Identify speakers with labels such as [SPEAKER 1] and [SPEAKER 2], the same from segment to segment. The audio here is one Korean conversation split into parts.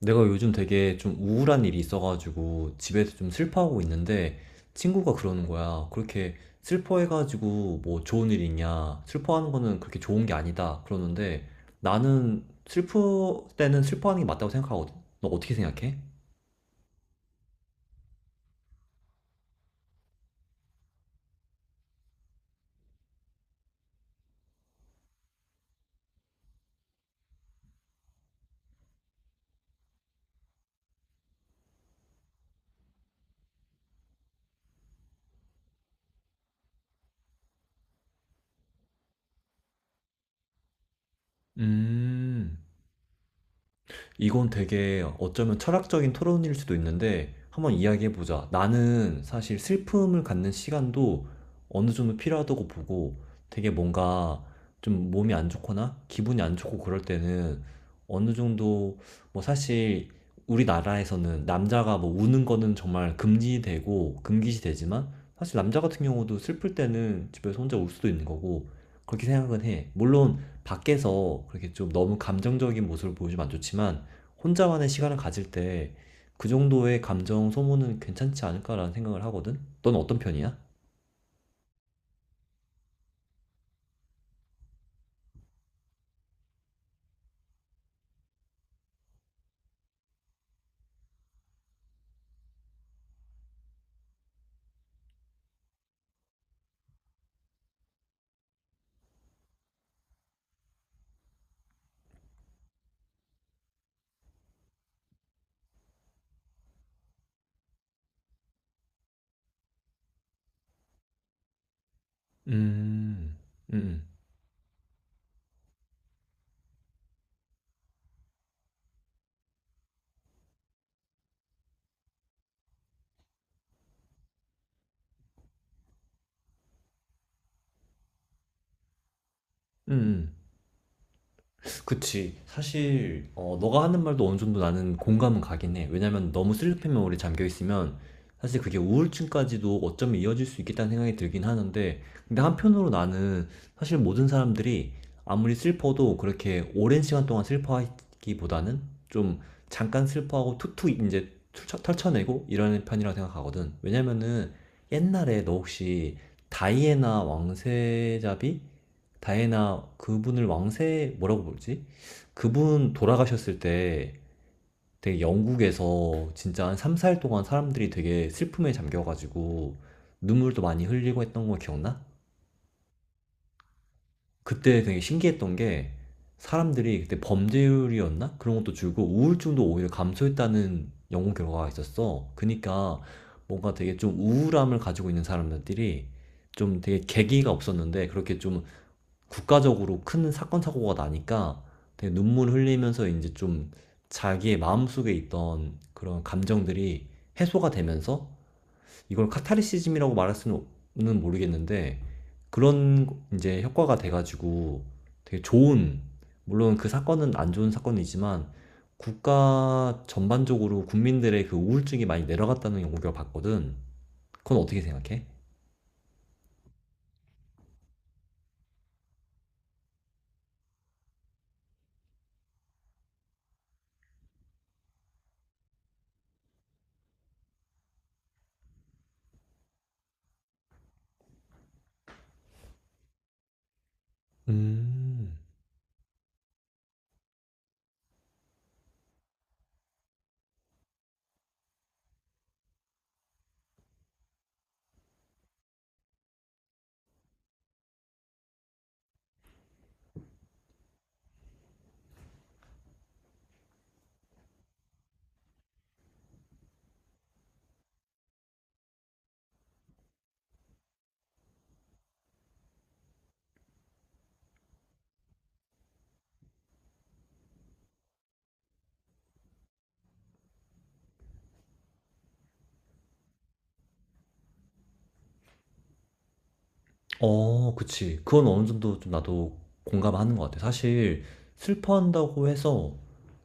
[SPEAKER 1] 내가 요즘 되게 좀 우울한 일이 있어가지고 집에서 좀 슬퍼하고 있는데 친구가 그러는 거야. 그렇게 슬퍼해가지고 뭐 좋은 일 있냐. 슬퍼하는 거는 그렇게 좋은 게 아니다. 그러는데 나는 슬플 때는 슬퍼하는 게 맞다고 생각하거든. 너 어떻게 생각해? 음. 이건 되게 어쩌면 철학적인 토론일 수도 있는데 한번 이야기해보자. 나는 사실 슬픔을 갖는 시간도 어느 정도 필요하다고 보고, 되게 뭔가 좀 몸이 안 좋거나 기분이 안 좋고 그럴 때는 어느 정도, 뭐 사실 우리나라에서는 남자가 뭐 우는 거는 정말 금지되고 금기시 되지만, 사실 남자 같은 경우도 슬플 때는 집에서 혼자 울 수도 있는 거고, 그렇게 생각은 해. 물론 밖에서 그렇게 좀 너무 감정적인 모습을 보여주면 안 좋지만 혼자만의 시간을 가질 때 그 정도의 감정 소모는 괜찮지 않을까라는 생각을 하거든? 넌 어떤 편이야? 음, 음, 음, 음. 그치. 사실 너가 하는 말도 어느 정도 나는 공감은 가긴 해. 왜냐면 너무 슬리핑 메모리에 잠겨 있으면 사실 그게 우울증까지도 어쩌면 이어질 수 있겠다는 생각이 들긴 하는데, 근데 한편으로 나는 사실 모든 사람들이 아무리 슬퍼도 그렇게 오랜 시간 동안 슬퍼하기보다는 좀 잠깐 슬퍼하고 툭툭 이제 털쳐내고 이러는 편이라고 생각하거든. 왜냐면은 옛날에 너 혹시 다이애나 왕세자비, 다이애나 그분을 왕세 뭐라고 부르지? 그분 돌아가셨을 때 되게 영국에서 진짜 한 3, 4일 동안 사람들이 되게 슬픔에 잠겨가지고 눈물도 많이 흘리고 했던 거 기억나? 그때 되게 신기했던 게, 사람들이 그때 범죄율이었나? 그런 것도 줄고 우울증도 오히려 감소했다는 연구 결과가 있었어. 그니까 뭔가 되게 좀 우울함을 가지고 있는 사람들이 좀 되게 계기가 없었는데, 그렇게 좀 국가적으로 큰 사건 사고가 나니까 되게 눈물 흘리면서 이제 좀 자기의 마음속에 있던 그런 감정들이 해소가 되면서, 이걸 카타르시즘이라고 말할 수는 모르겠는데, 그런 이제 효과가 돼가지고 되게 좋은, 물론 그 사건은 안 좋은 사건이지만 국가 전반적으로 국민들의 그 우울증이 많이 내려갔다는 연구결과 봤거든. 그건 어떻게 생각해? 음. 어, 그치. 그건 어느 정도 좀 나도 공감하는 것 같아. 사실 슬퍼한다고 해서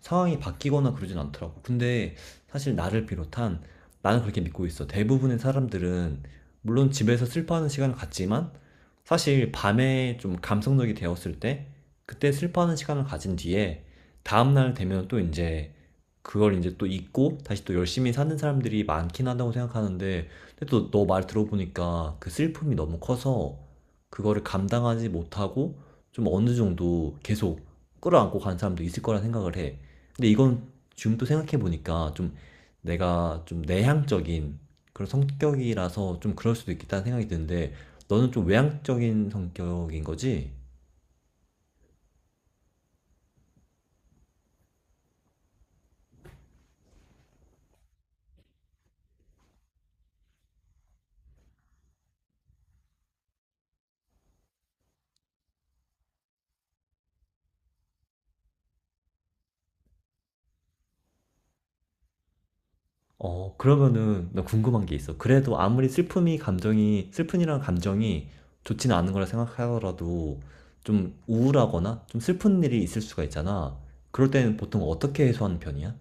[SPEAKER 1] 상황이 바뀌거나 그러진 않더라고. 근데 사실 나를 비롯한, 나는 그렇게 믿고 있어. 대부분의 사람들은 물론 집에서 슬퍼하는 시간을 갖지만 사실 밤에 좀 감성적이 되었을 때 그때 슬퍼하는 시간을 가진 뒤에 다음날 되면 또 이제 그걸 이제 또 잊고 다시 또 열심히 사는 사람들이 많긴 하다고 생각하는데, 근데 또 너 말 들어보니까 그 슬픔이 너무 커서 그거를 감당하지 못하고 좀 어느 정도 계속 끌어안고 간 사람도 있을 거라 생각을 해. 근데 이건 지금 또 생각해 보니까, 좀 내가 좀 내향적인 그런 성격이라서 좀 그럴 수도 있겠다는 생각이 드는데, 너는 좀 외향적인 성격인 거지? 어, 그러면은 나 궁금한 게 있어. 그래도 아무리 슬픔이 감정이, 슬픈이라는 감정이 좋지는 않은 거라 생각하더라도 좀 우울하거나 좀 슬픈 일이 있을 수가 있잖아. 그럴 때는 보통 어떻게 해소하는 편이야?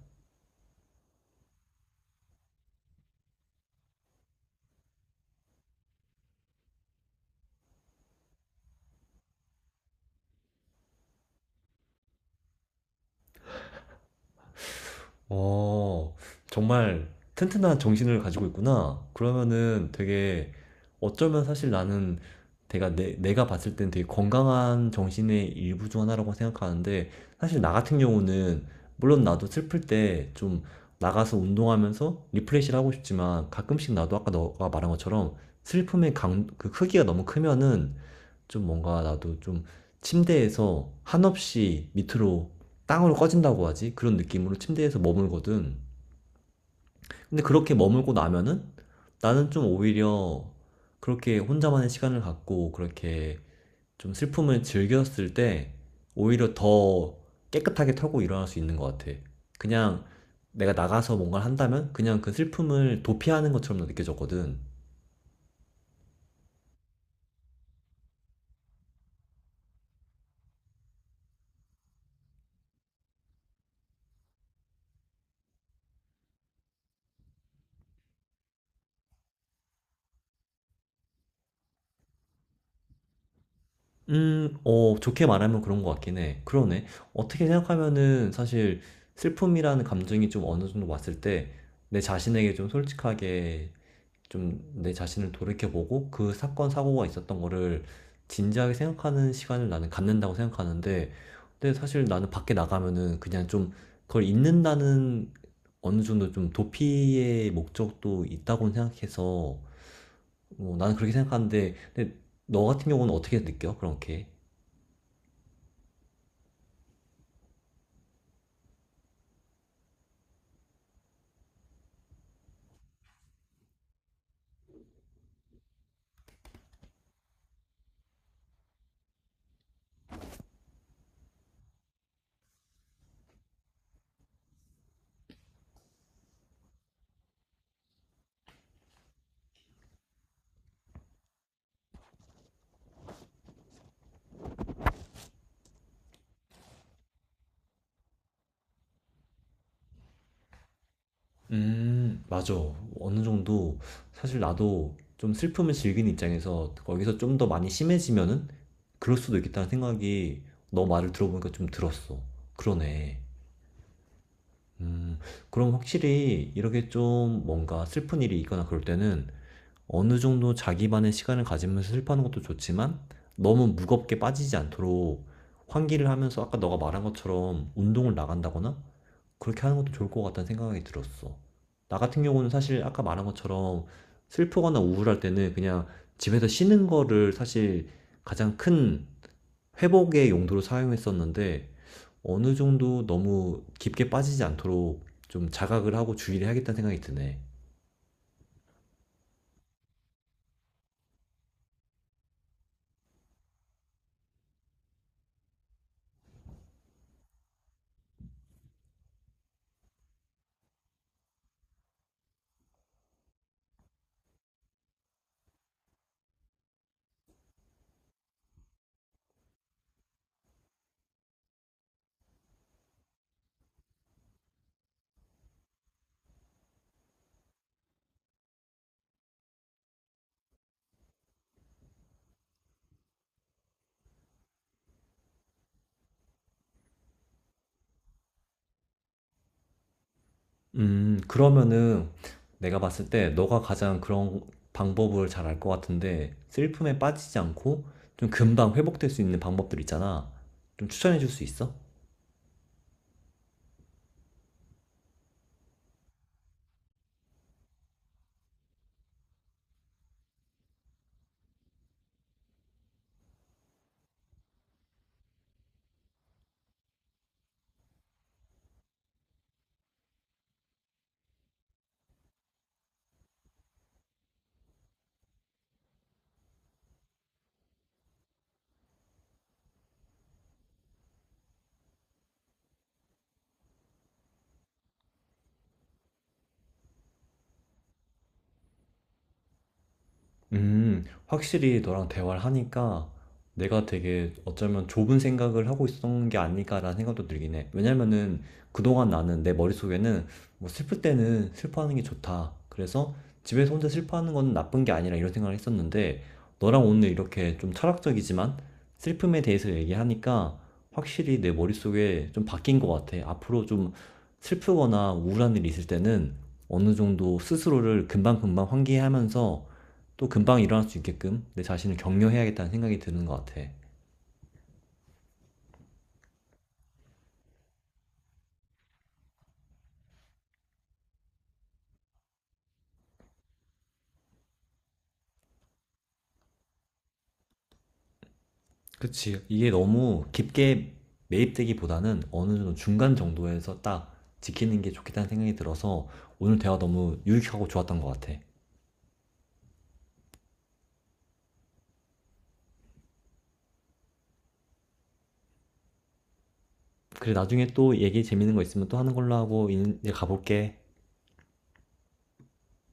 [SPEAKER 1] 어, 정말 튼튼한 정신을 가지고 있구나. 그러면은 되게 어쩌면, 사실 나는 내가 내가 봤을 땐 되게 건강한 정신의 일부 중 하나라고 생각하는데, 사실 나 같은 경우는 물론 나도 슬플 때 좀 나가서 운동하면서 리프레시를 하고 싶지만, 가끔씩 나도 아까 너가 말한 것처럼 슬픔의 강, 그 크기가 너무 크면은 좀 뭔가 나도 좀 침대에서 한없이 밑으로 땅으로 꺼진다고 하지? 그런 느낌으로 침대에서 머물거든. 근데 그렇게 머물고 나면은 나는 좀 오히려 그렇게 혼자만의 시간을 갖고 그렇게 좀 슬픔을 즐겼을 때 오히려 더 깨끗하게 털고 일어날 수 있는 것 같아. 그냥 내가 나가서 뭔가를 한다면 그냥 그 슬픔을 도피하는 것처럼 느껴졌거든. 음. 어, 좋게 말하면 그런 것 같긴 해. 그러네. 어떻게 생각하면은 사실 슬픔이라는 감정이 좀 어느 정도 왔을 때 내 자신에게 좀 솔직하게 좀 내 자신을 돌이켜보고 그 사건, 사고가 있었던 거를 진지하게 생각하는 시간을 나는 갖는다고 생각하는데, 근데 사실 나는 밖에 나가면은 그냥 좀 그걸 잊는다는 어느 정도 좀 도피의 목적도 있다고 생각해서, 뭐 나는 그렇게 생각하는데, 근데 너 같은 경우는 어떻게 느껴? 그렇게. 맞아. 어느 정도 사실 나도 좀 슬픔을 즐기는 입장에서 거기서 좀 더 많이 심해지면은 그럴 수도 있겠다는 생각이 너 말을 들어보니까 좀 들었어. 그러네. 음, 그럼 확실히 이렇게 좀 뭔가 슬픈 일이 있거나 그럴 때는 어느 정도 자기만의 시간을 가지면서 슬퍼하는 것도 좋지만 너무 무겁게 빠지지 않도록 환기를 하면서 아까 너가 말한 것처럼 운동을 나간다거나 그렇게 하는 것도 좋을 것 같다는 생각이 들었어. 나 같은 경우는 사실 아까 말한 것처럼 슬프거나 우울할 때는 그냥 집에서 쉬는 거를 사실 가장 큰 회복의 용도로 사용했었는데, 어느 정도 너무 깊게 빠지지 않도록 좀 자각을 하고 주의를 해야겠다는 생각이 드네. 그러면은 내가 봤을 때 너가 가장 그런 방법을 잘 알 것 같은데, 슬픔에 빠지지 않고 좀 금방 회복될 수 있는 방법들 있잖아. 좀 추천해 줄 수 있어? 확실히 너랑 대화를 하니까 내가 되게 어쩌면 좁은 생각을 하고 있었던 게 아닐까라는 생각도 들긴 해. 왜냐면은 그동안 나는 내 머릿속에는 뭐 슬플 때는 슬퍼하는 게 좋다, 그래서 집에서 혼자 슬퍼하는 건 나쁜 게 아니라, 이런 생각을 했었는데 너랑 오늘 이렇게 좀 철학적이지만 슬픔에 대해서 얘기하니까 확실히 내 머릿속에 좀 바뀐 것 같아. 앞으로 좀 슬프거나 우울한 일이 있을 때는 어느 정도 스스로를 금방금방 환기하면서 또 금방 일어날 수 있게끔 내 자신을 격려해야겠다는 생각이 드는 것 같아. 그치. 이게 너무 깊게 매입되기보다는 어느 정도 중간 정도에서 딱 지키는 게 좋겠다는 생각이 들어서 오늘 대화 너무 유익하고 좋았던 것 같아. 그래, 나중에 또 얘기 재밌는 거 있으면 또 하는 걸로 하고 이제 가볼게.